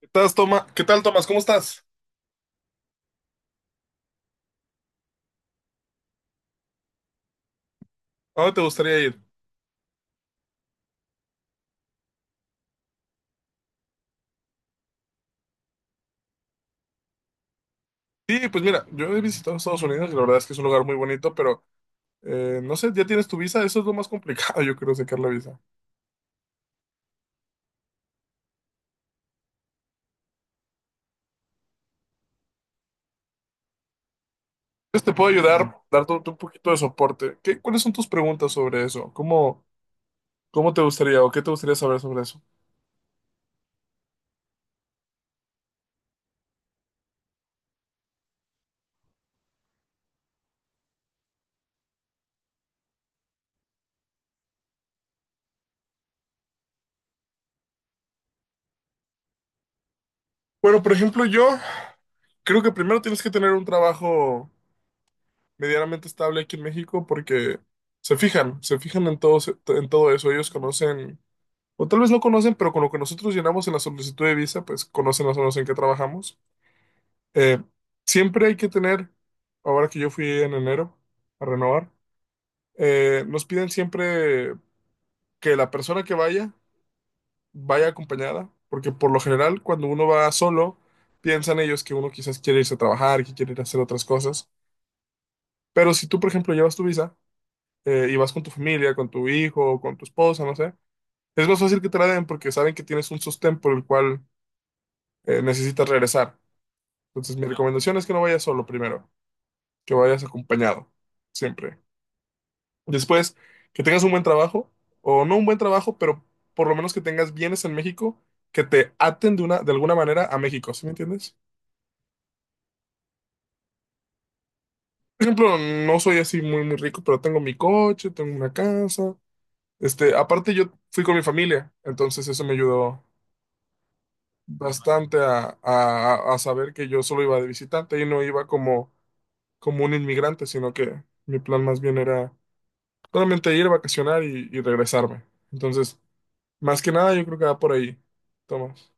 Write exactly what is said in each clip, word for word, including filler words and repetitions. ¿Estás, Toma? ¿Qué tal, Tomás? ¿Cómo estás? ¿A dónde te gustaría ir? Sí, pues mira, yo he visitado Estados Unidos y la verdad es que es un lugar muy bonito, pero eh, no sé, ¿ya tienes tu visa? Eso es lo más complicado, yo creo, sacar la visa. Entonces te puedo ayudar, darte un un poquito de soporte. ¿Qué, cuáles son tus preguntas sobre eso? ¿Cómo, cómo te gustaría o qué te gustaría saber sobre eso? Bueno, por ejemplo, yo creo que primero tienes que tener un trabajo medianamente estable aquí en México porque se fijan, se fijan en todo, en todo eso. Ellos conocen. O tal vez no conocen, pero con lo que nosotros llenamos en la solicitud de visa, pues conocen las zonas en que trabajamos. Eh, Siempre hay que tener, ahora que yo fui en enero a renovar, eh, nos piden siempre que la persona que vaya, vaya acompañada, porque por lo general cuando uno va solo, piensan ellos que uno quizás quiere irse a trabajar, que quiere ir a hacer otras cosas. Pero si tú, por ejemplo, llevas tu visa eh, y vas con tu familia, con tu hijo, o con tu esposa, no sé, es más fácil que te la den porque saben que tienes un sostén por el cual eh, necesitas regresar. Entonces, mi recomendación es que no vayas solo primero, que vayas acompañado, siempre. Después, que tengas un buen trabajo, o no un buen trabajo, pero por lo menos que tengas bienes en México que te aten de una, de alguna manera a México, ¿sí me entiendes? Por ejemplo, no soy así muy, muy rico, pero tengo mi coche, tengo una casa. Este, aparte, yo fui con mi familia, entonces eso me ayudó bastante a, a- a saber que yo solo iba de visitante y no iba como, como un inmigrante, sino que mi plan más bien era solamente ir, vacacionar y, y regresarme. Entonces, más que nada, yo creo que va por ahí, Tomás.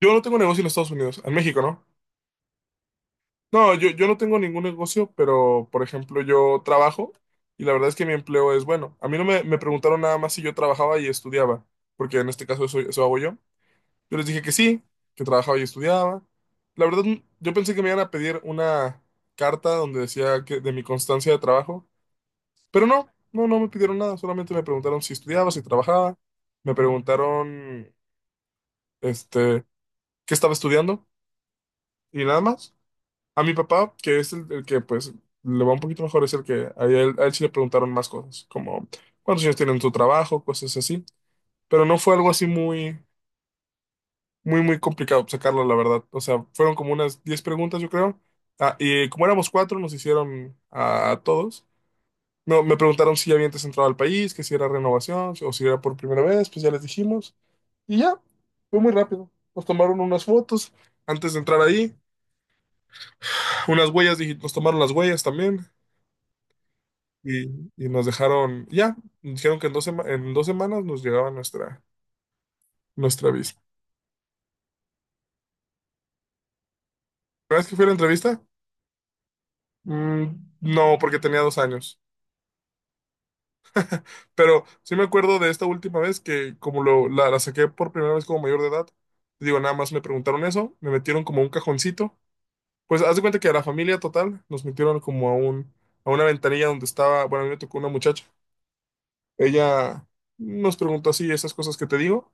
Yo no tengo negocio en Estados Unidos, en México, ¿no? No, yo, yo no tengo ningún negocio, pero, por ejemplo, yo trabajo y la verdad es que mi empleo es bueno. A mí no me, me preguntaron nada más si yo trabajaba y estudiaba, porque en este caso eso, eso hago yo. Yo les dije que sí, que trabajaba y estudiaba. La verdad, yo pensé que me iban a pedir una carta donde decía que de mi constancia de trabajo. Pero no, no, no me pidieron nada, solamente me preguntaron si estudiaba, si trabajaba, me preguntaron, este, qué estaba estudiando y nada más. A mi papá, que es el, el que pues le va un poquito mejor, es el que a él, a él sí le preguntaron más cosas, como cuántos años tienen tu trabajo, cosas así. Pero no fue algo así muy, muy, muy complicado sacarlo, la verdad. O sea, fueron como unas diez preguntas, yo creo. Ah, y como éramos cuatro, nos hicieron a todos. Me, me preguntaron si ya había antes entrado al país, que si era renovación o si era por primera vez, pues ya les dijimos. Y ya, fue muy rápido. Nos tomaron unas fotos antes de entrar ahí, unas huellas, digi- nos tomaron las huellas también y, y nos dejaron, ya, dijeron que en dos, sema- en dos semanas nos llegaba nuestra, nuestra visa. ¿La vez que fui a la entrevista? Mm, no, porque tenía dos años. Pero sí me acuerdo de esta última vez que como lo, la, la saqué por primera vez como mayor de edad, digo, nada más me preguntaron eso, me metieron como un cajoncito. Pues haz de cuenta que a la familia total nos metieron como a un, a una ventanilla donde estaba, bueno, a mí me tocó una muchacha. Ella nos preguntó así esas cosas que te digo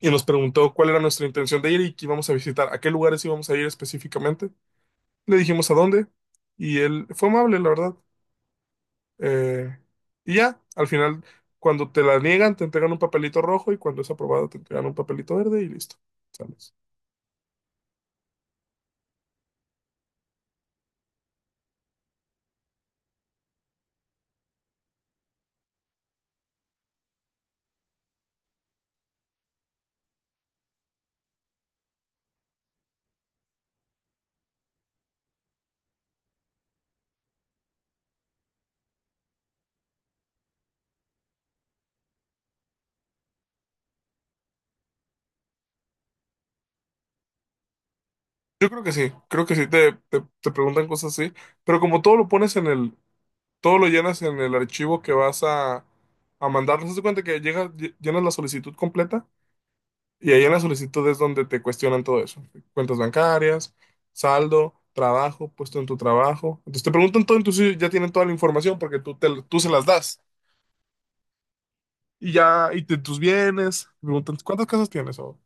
y nos preguntó cuál era nuestra intención de ir y qué íbamos a visitar, a qué lugares íbamos a ir específicamente. Le dijimos a dónde y él fue amable, la verdad. Eh, y ya, al final, cuando te la niegan, te entregan un papelito rojo y cuando es aprobado, te entregan un papelito verde y listo. Sales. Yo creo que sí, creo que sí, te, te, te preguntan cosas así, pero como todo lo pones en el, todo lo llenas en el archivo que vas a, a mandar. Haz de cuenta que llega, lle- llenas la solicitud completa y ahí en la solicitud es donde te cuestionan todo eso. Cuentas bancarias, saldo, trabajo, puesto en tu trabajo. Entonces te preguntan todo, entonces ya tienen toda la información porque tú, te- tú se las das. Y ya, y te- tus bienes, te preguntan cuántas casas tienes o,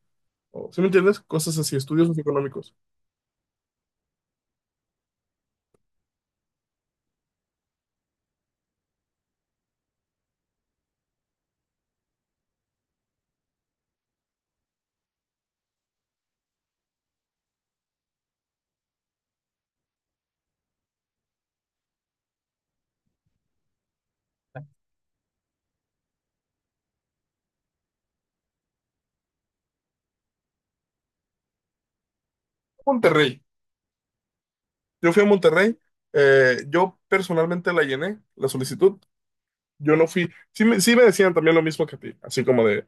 o ¿sí me entiendes? Cosas así, estudios socioeconómicos. Monterrey. Yo fui a Monterrey. Eh, yo personalmente la llené, la solicitud. Yo no fui. Sí me, sí me decían también lo mismo que a ti, así como de,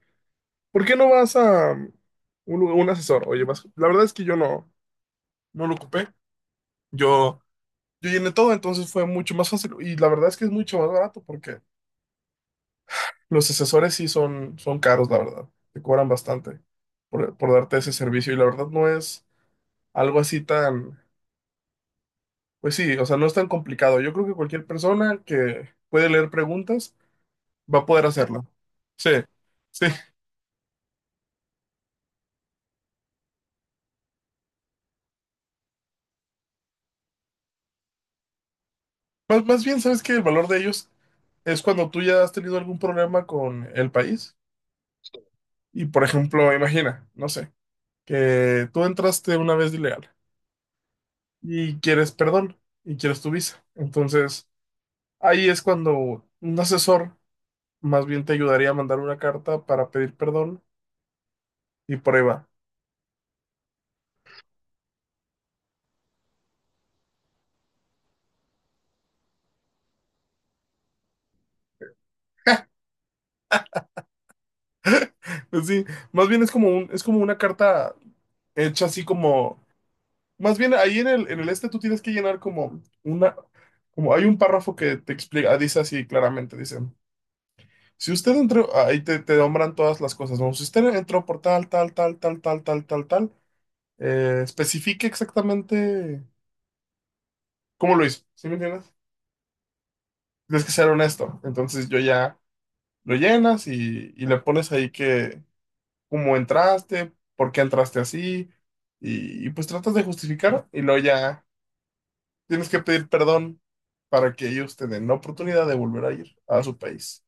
¿por qué no vas a um, un, lu- un asesor? Oye, vas. La verdad es que yo no, no lo ocupé. Yo, yo llené todo, entonces fue mucho más fácil. Y la verdad es que es mucho más barato porque los asesores sí son, son caros, la verdad. Te cobran bastante por, por darte ese servicio. Y la verdad no es algo así tan, pues sí, o sea, no es tan complicado. Yo creo que cualquier persona que puede leer preguntas va a poder hacerlo. Sí, sí. Más, más bien, ¿sabes que el valor de ellos es cuando tú ya has tenido algún problema con el país? Y, por ejemplo, imagina, no sé, que tú entraste una vez de ilegal y quieres perdón y quieres tu visa. Entonces, ahí es cuando un asesor más bien te ayudaría a mandar una carta para pedir perdón y por ahí va. Pues sí, más bien es como un, es como una carta hecha así como. Más bien, ahí en el, en el este tú tienes que llenar como una, como hay un párrafo que te explica, dice así claramente, dice, si usted entró, ahí te, te nombran todas las cosas, ¿no? Si usted entró por tal, tal, tal, tal, tal, tal, tal, tal, eh, especifique exactamente cómo lo hizo, ¿sí me entiendes? Tienes que ser honesto, entonces yo ya lo llenas y, y le pones ahí que, cómo entraste, por qué entraste así, y, y pues tratas de justificar y luego ya tienes que pedir perdón para que ellos tengan la oportunidad de volver a ir a su país.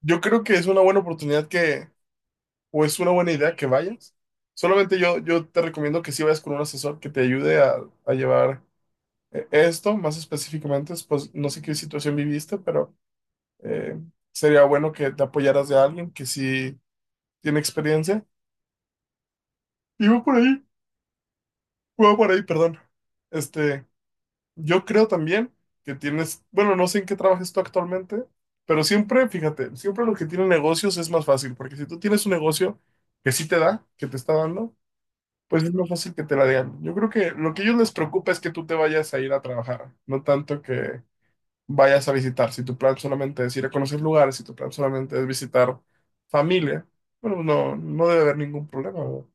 Yo creo que es una buena oportunidad que, o es una buena idea que vayas. Solamente yo, yo te recomiendo que si vayas con un asesor que te ayude a, a llevar eh, esto, más específicamente, pues no sé qué situación viviste, pero eh, sería bueno que te apoyaras de alguien que sí tiene experiencia. Y voy por ahí, voy por ahí, perdón. Este, Yo creo también que tienes, bueno, no sé en qué trabajes tú actualmente, pero siempre, fíjate, siempre lo que tiene negocios es más fácil, porque si tú tienes un negocio que sí te da, que te está dando, pues es más fácil que te la den. Yo creo que lo que a ellos les preocupa es que tú te vayas a ir a trabajar, no tanto que vayas a visitar. Si tu plan solamente es ir a conocer lugares, si tu plan solamente es visitar familia, bueno, pues no, no debe haber ningún problema, ¿no?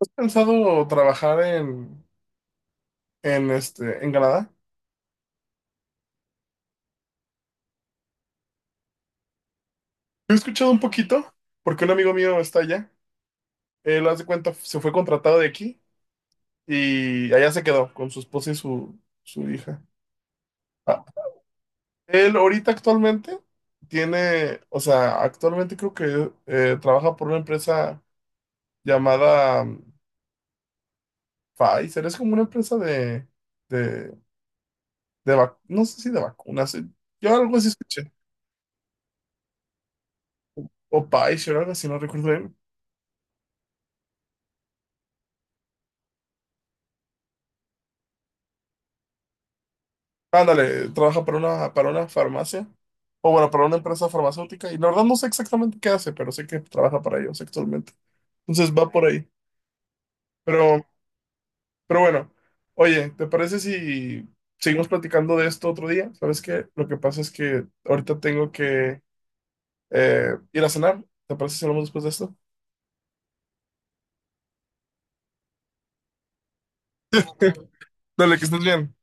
¿Has pensado trabajar en, en, este, en Canadá? He escuchado un poquito, porque un amigo mío está allá. Él, haz de cuenta, se fue contratado de aquí y allá se quedó con su esposa y su, su hija. Ah, él ahorita actualmente tiene, o sea, actualmente creo que eh, trabaja por una empresa llamada mm, Pfizer. Es como una empresa de, de, de vac- no sé si de vacunas. eh, Yo algo así escuché. O Pfizer, algo así, no recuerdo bien. Ándale, trabaja para una, para una farmacia, o bueno, para una empresa farmacéutica, y la verdad no sé exactamente qué hace, pero sé que trabaja para ellos actualmente. Entonces va por ahí. Pero, pero bueno, oye, ¿te parece si seguimos platicando de esto otro día? ¿Sabes qué? Lo que pasa es que ahorita tengo que eh, ir a cenar. ¿Te parece si hablamos después de esto? Dale, que estés bien.